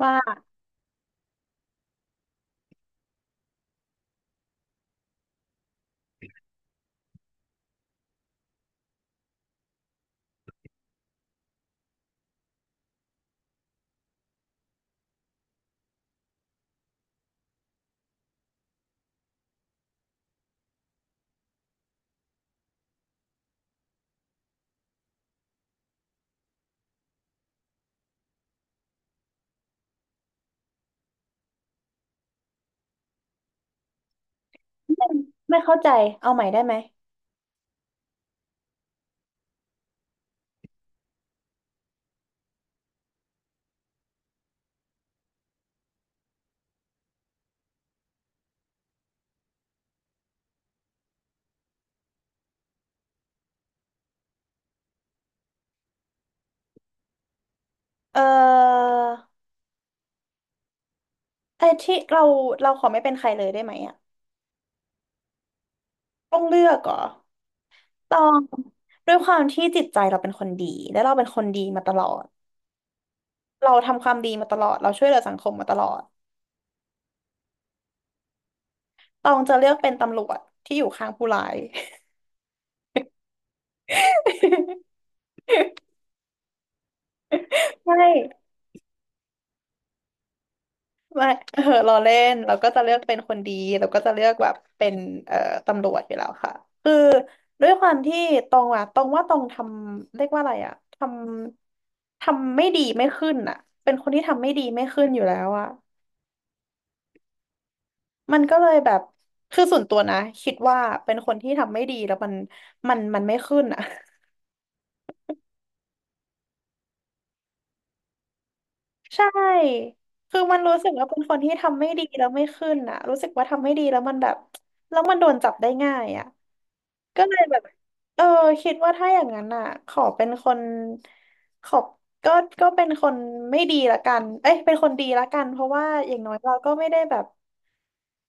ว่าไม่ไม่เข้าใจเอาใหม่ได้ไหมเออไอ้ที่เราขอไม่เป็นใครเลยได้ไหมอ่ะต้องเลือกเหรอต้องด้วยความที่จิตใจเราเป็นคนดีและเราเป็นคนดีมาตลอดเราทำความดีมาตลอดเราช่วยเหลือสังคมมาตลอดต้องจะเลือกเป็นตำรวจที่อยู่ข้างผู้ร้าย ไม่ไม่เออเราเล่นเราก็จะเลือกเป็นคนดีเราก็จะเลือกแบบเป็นเอ่อตำรวจอยู่แล้วค่ะ ด้วยความที่ตองอะตองว่าตองทำเรียกว่าอะไรอะทำไม่ดีไม่ขึ้นอะเป็นคนที่ทำไม่ดีไม่ขึ้นอยู่แล้วอะมันก็เลยแบบคือส่วนตัวนะคิดว่าเป็นคนที่ทำไม่ดีแล้วมันไม่ขึ้นอะ ใช่คือมันรู้สึกว่าเป็นคนที่ทำไม่ดีแล้วไม่ขึ้นอะรู้สึกว่าทำไม่ดีแล้วมันแบบแล้วมันโดนจับได้ง่ายอะ ก็เลยแบบเออคิดว่าถ้าอย่างนั้นอ่ะขอเป็นคนขอบก็ก็เป็นคนไม่ดีละกันเอ้ยเป็นคนดีละกันเพราะว่าอย่างน้อยเราก็ไม่ได้แบบ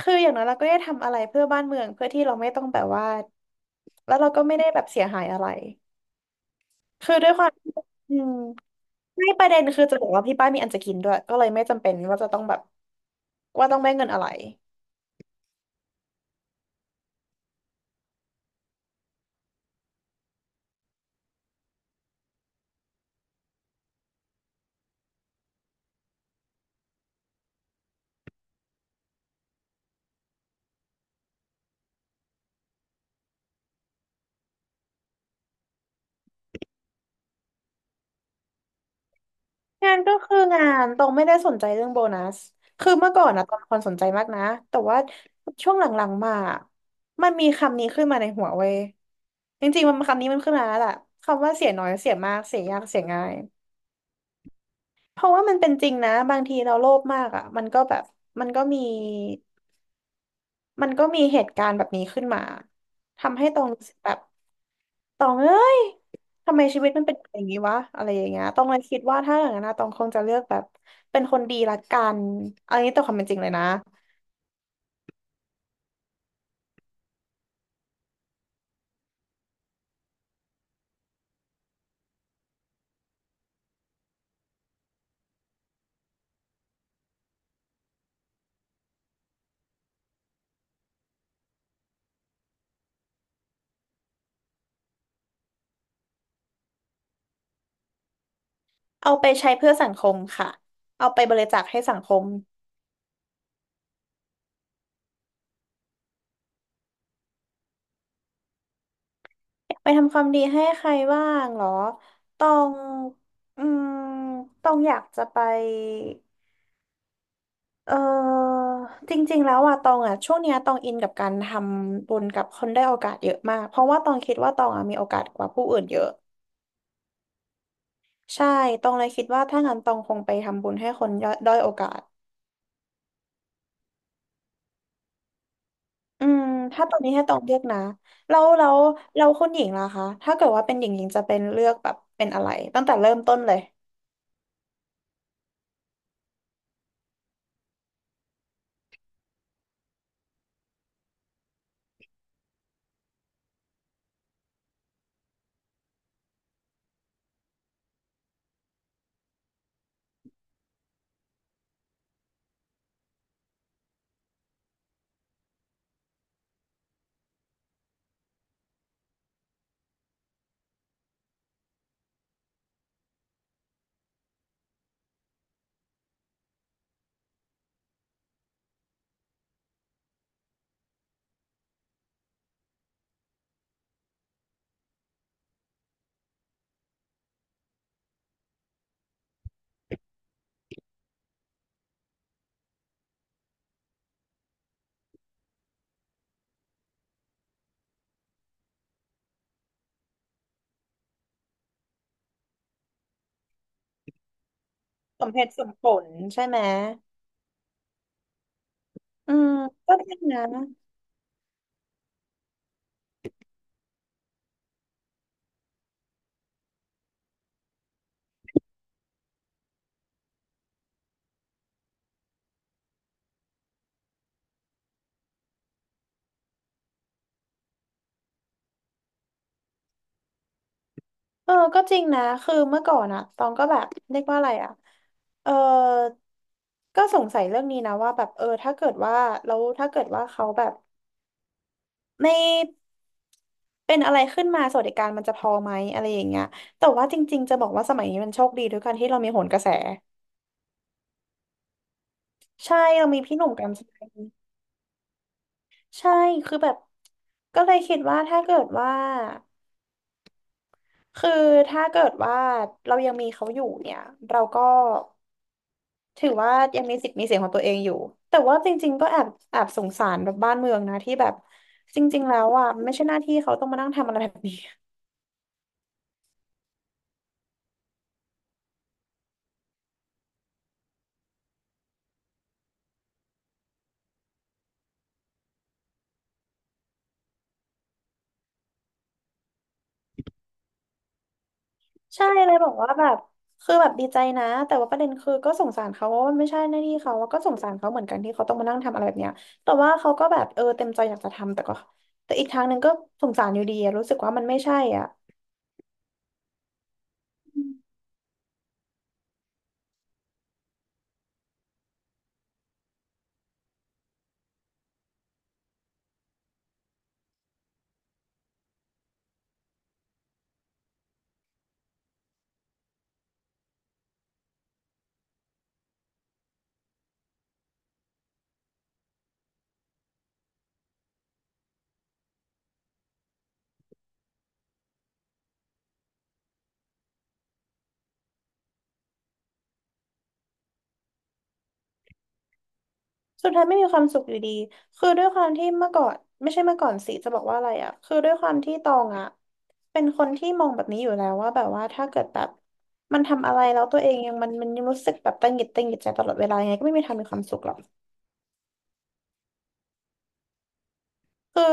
คืออย่างน้อยเราก็ได้ทำอะไรเพื่อบ้านเมืองเพื่อที่เราไม่ต้องแบบว่าแล้วเราก็ไม่ได้แบบเสียหายอะไรคือด้วยความที่อืมไม่ประเด็นคือจะบอกว่าที่บ้านมีอันจะกินด้วยก็เลยไม่จำเป็นว่าจะต้องแบบว่าต้องได้เงินอะไร งานก็คืองานตรงไม่ได้สนใจเรื่องโบนัสคือเมื่อก่อนนะตอนคนสนใจมากนะแต่ว่าช่วงหลังๆมามันมีคำนี้ขึ้นมาในหัวเว้ยจริงๆมันคำนี้มันขึ้นมาแล้วแหละคำว่าเสียน้อยเสียมากเสียยากเสียง่ายเพราะว่ามันเป็นจริงนะบางทีเราโลภมากอ่ะมันก็แบบมันก็มีมันก็มีเหตุการณ์แบบนี้ขึ้นมาทำให้ตรงรู้สึกแบบ ตองเอ้ยทำไมชีวิตมันเป็นอย่างนี้วะอะไรอย่างเงี้ยตองเลยคิดว่าถ้าอย่างนั้นนะตองคงจะเลือกแบบเป็นคนดีละกันเอันนี้ตต่ความเป็นจริงเลยนะเอาไปใช้เพื่อสังคมค่ะเอาไปบริจาคให้สังคมไปทำความดีให้ใครบ้างเหรอตองอืมตองอยากจะไปเออจริงๆแล้วอะตองอะช่วงเนี้ยตองอินกับการทำบุญกับคนได้อยโอกาสเยอะมากเพราะว่าตองคิดว่าตองอะมีโอกาสกว่าผู้อื่นเยอะ ใช่ตองเลยคิดว่าถ้างั้นตองคงไปทำบุญให้คนยด้อยโอกาสอืมถ้าตอนนี้ให้ตองเลือกนะแล้วแคุณหญิงล่ะคะ ถ้าเกิดว่าเป็นหญิงหญิงจะเป็นเลือกแบบเป็นอะไรตั้งแต่เริ่มต้นเลยสมเหตุสมผลใช่ไหมอืมก็จริงนะเออก็จริงนะคือเมื่อก่อนอะตองก็แบบเรียกว่าอะไรอะเออก็สงสัยเรื่องนี้นะว่าแบบเออถ้าเกิดว่าแล้วถ้าเกิดว่าเขาแบบ ไม่เป็นอะไรขึ้นมาสวัสดิการมันจะพอไหมอะไรอย่างเงี้ยแต่ว่าจริงๆจะบอกว่าสมัยนี้มันโชคดีด้วยกันที่เรามีโหนกระแสใช่เรามีพี่หนุ่มกรรชัยใช่คือแบบก็เลยคิดว่าถ้าเกิดว่าคือถ้าเกิดว่าเรายังมีเขาอยู่เนี่ยเราก็ถือว่ายังมีสิทธิ์มีเสียงของตัวเองอยู่แต่ว่าจริงๆก็แอบสงสารแบบบ้านเมืองนะที่แบบจริงๆแล้วอ่ะไม่ใช่หน้าที่เขาต้องมานั่งทำอะไรแบบนี้ ใช่เลยบอกว่าแบบคือแบบดีใจนะแต่ว่าประเด็นคือก็สงสารเขาว่ามันไม่ใช่หน้าที่เขาแล้วก็สงสารเขาเหมือนกันที่เขาต้องมานั่งทำอะไรแบบเนี้ยแต่ว่าเขาก็แบบเออเต็มใจอยากจะทำแต่ก็แต่อีกทางหนึ่งก็สงสารอยู่ดีอะรู้สึกว่ามันไม่ใช่อ่ะอืมสุดท้ายไม่มีความสุขอยู่ดีคือด้วยความที่เมื่อก่อนไม่ใช่เมื่อก่อนสิจะบอกว่าอะไรอ่ะคือด้วยความที่ตองอ่ะเป็นคนที่มองแบบนี้อยู่แล้วว่าแบบว่าถ้าเกิดแบบมันทำอะไรแล้วตัวเองยังมันยังรู้สึกแบบตังหงิดใจตลอดเวลายังไงก็ไม่มีทางมีความสุขหรอกคือ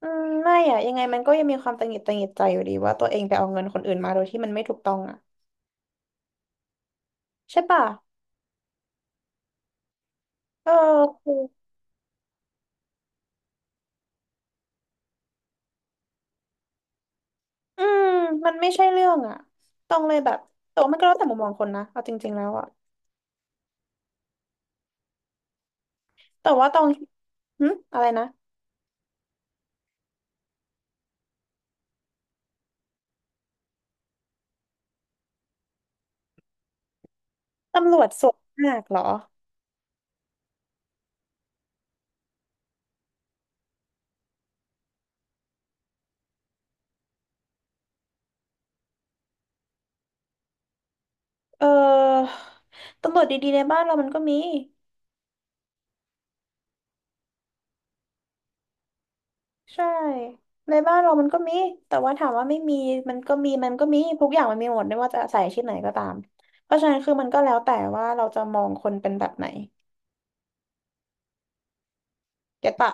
อืมไม่อะยังไงมันก็ยังมีความตังหงิดตังหงิดใจอยู่ดีว่าตัวเองไปเอาเงินคนอื่นมาโดยที่มันไม่ถูกต้องอะใช่ปะเออคืออืมมันไม่ใช่เรื่องอะตองเลยแบบแต่ว่ามันก็แล้วแต่มุมมองคนนะเอาจริงๆแล้วอะแต่ว่าตองหึอะไรนะตำรวจส่วนมากเหรอเออตำรวจดีๆในบ้านเรามันก็มี ใช่ในบ้านเรามันก็มีแต่ว่าถามว่าไม่มีมันก็มีทุกอย่างมันมีหมดไม่ว่าจะใส่อาชีพไหนก็ตามเพราะฉะนั้นคือมันก็แล้วแต่ว่าเราจะมองคนเป็นแบบไหนเก็ตปะ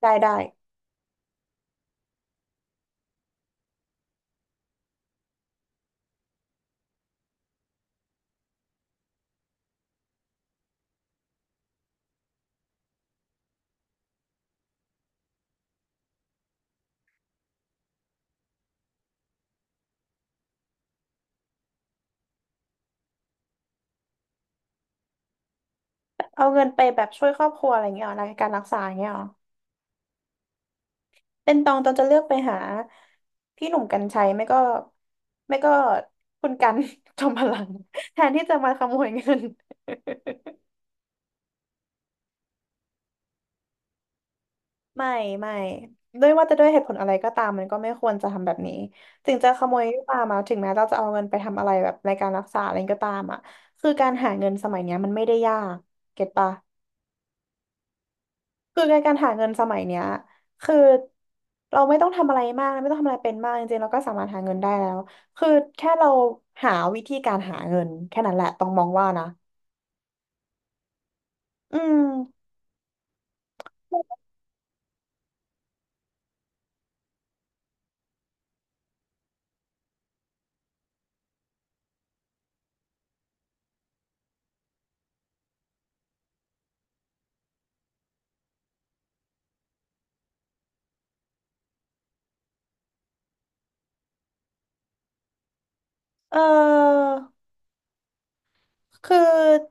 ได้ได้เอาเงินไปแบบช่วยครอบครัวอะไรอย่างเงี้ยเหรอรายการรักษาอย่างเงี้ยเหรอเป็นตองจะเลือกไปหาพี่หนุ่มกรรชัยไม่ก็ไม่ก็คุณกัน จอมพลังแทนที่จะมาขโมยเงิน ไม่ไม่ด้วยว่าจะด้วยเหตุผลอะไรก็ตามมันก็ไม่ควรจะทำแบบนี้ถึงจะขโมยก็ตามมาถึงแม้เราจะเอาเงินไปทำอะไรแบบในการรักษาอะไรก็ตามอ่ะคือการหาเงินสมัยเนี้ยมันไม่ได้ยากเก็ตปะคือในการหาเงินสมัยเนี้ยคือเราไม่ต้องทำอะไรมากไม่ต้องทำอะไรเป็นมากจริงๆเราก็สามารถหาเงินได้แล้วคือแค่เราหาวิธีการหาเงินแค่นั้นแหละต้องมองว่านะอืมเออ คือ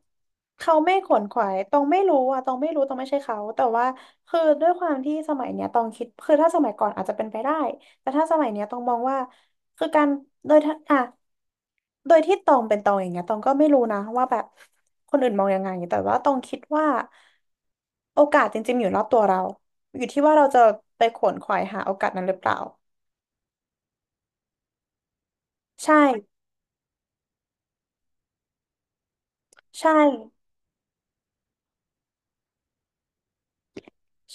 เขาไม่ขวนขวายตองไม่รู้ตองไม่ใช่เขาแต่ว่าคือด้วยความที่สมัยเนี้ยตองคิด คือถ้าสมัยก่อนอาจจะเป็นไปได้ แต่ถ้าสมัยเนี้ยตองมองว่าคือการโดยถ้าอ่ะโดยที่ตองเป็นตองอย่างเงี้ย ตองก็ไม่รู้นะว่าแบบคนอื่นมองยังไงแต่ว่าตองคิดว่าโอกาสจริงๆอยู่รอบตัวเรา อยู่ที่ว่าเราจะไปขวนขวายหาโอกาสนั้นหรือเปล่าใช่ใช่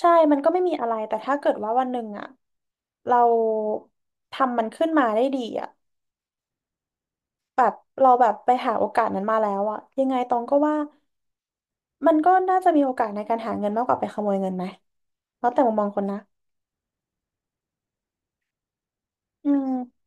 ใช่มันก็ไม่มีอะไรแต่ถ้าเกิดว่าวันหนึ่งอ่ะ เราทำมันขึ้นมาได้ดีอ่ะแบบเราแบบไปหาโอกาสนั้นมาแล้วอ่ะยังไงตองก็ว่ามันก็น่าจะมีโอกาสในการหาเงินมากกว่าไปขโมยเงินไหมแล้วแต่มุมมองคนนะอืม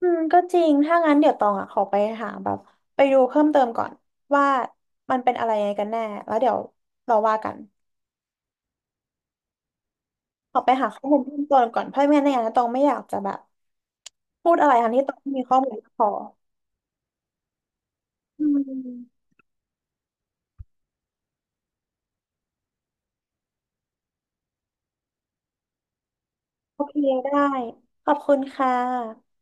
อืมก็จริงถ้างั้นเดี๋ยวตองอ่ะขอไปหาแบบไปดูเพิ่มเติมก่อนว่ามันเป็นอะไรยังไงกันแน่แล้วเดี๋ยวเราว่ากันขอไปหาข้อมูลเพิ่มเติมก่อนเพราะไม่งั้นในอนาคตตองไม่อยากจะแบบพูดอะไรทั้งที่ตองไม่มีข้อมูลพออืมโอเคได้ขอบคุณค่ะ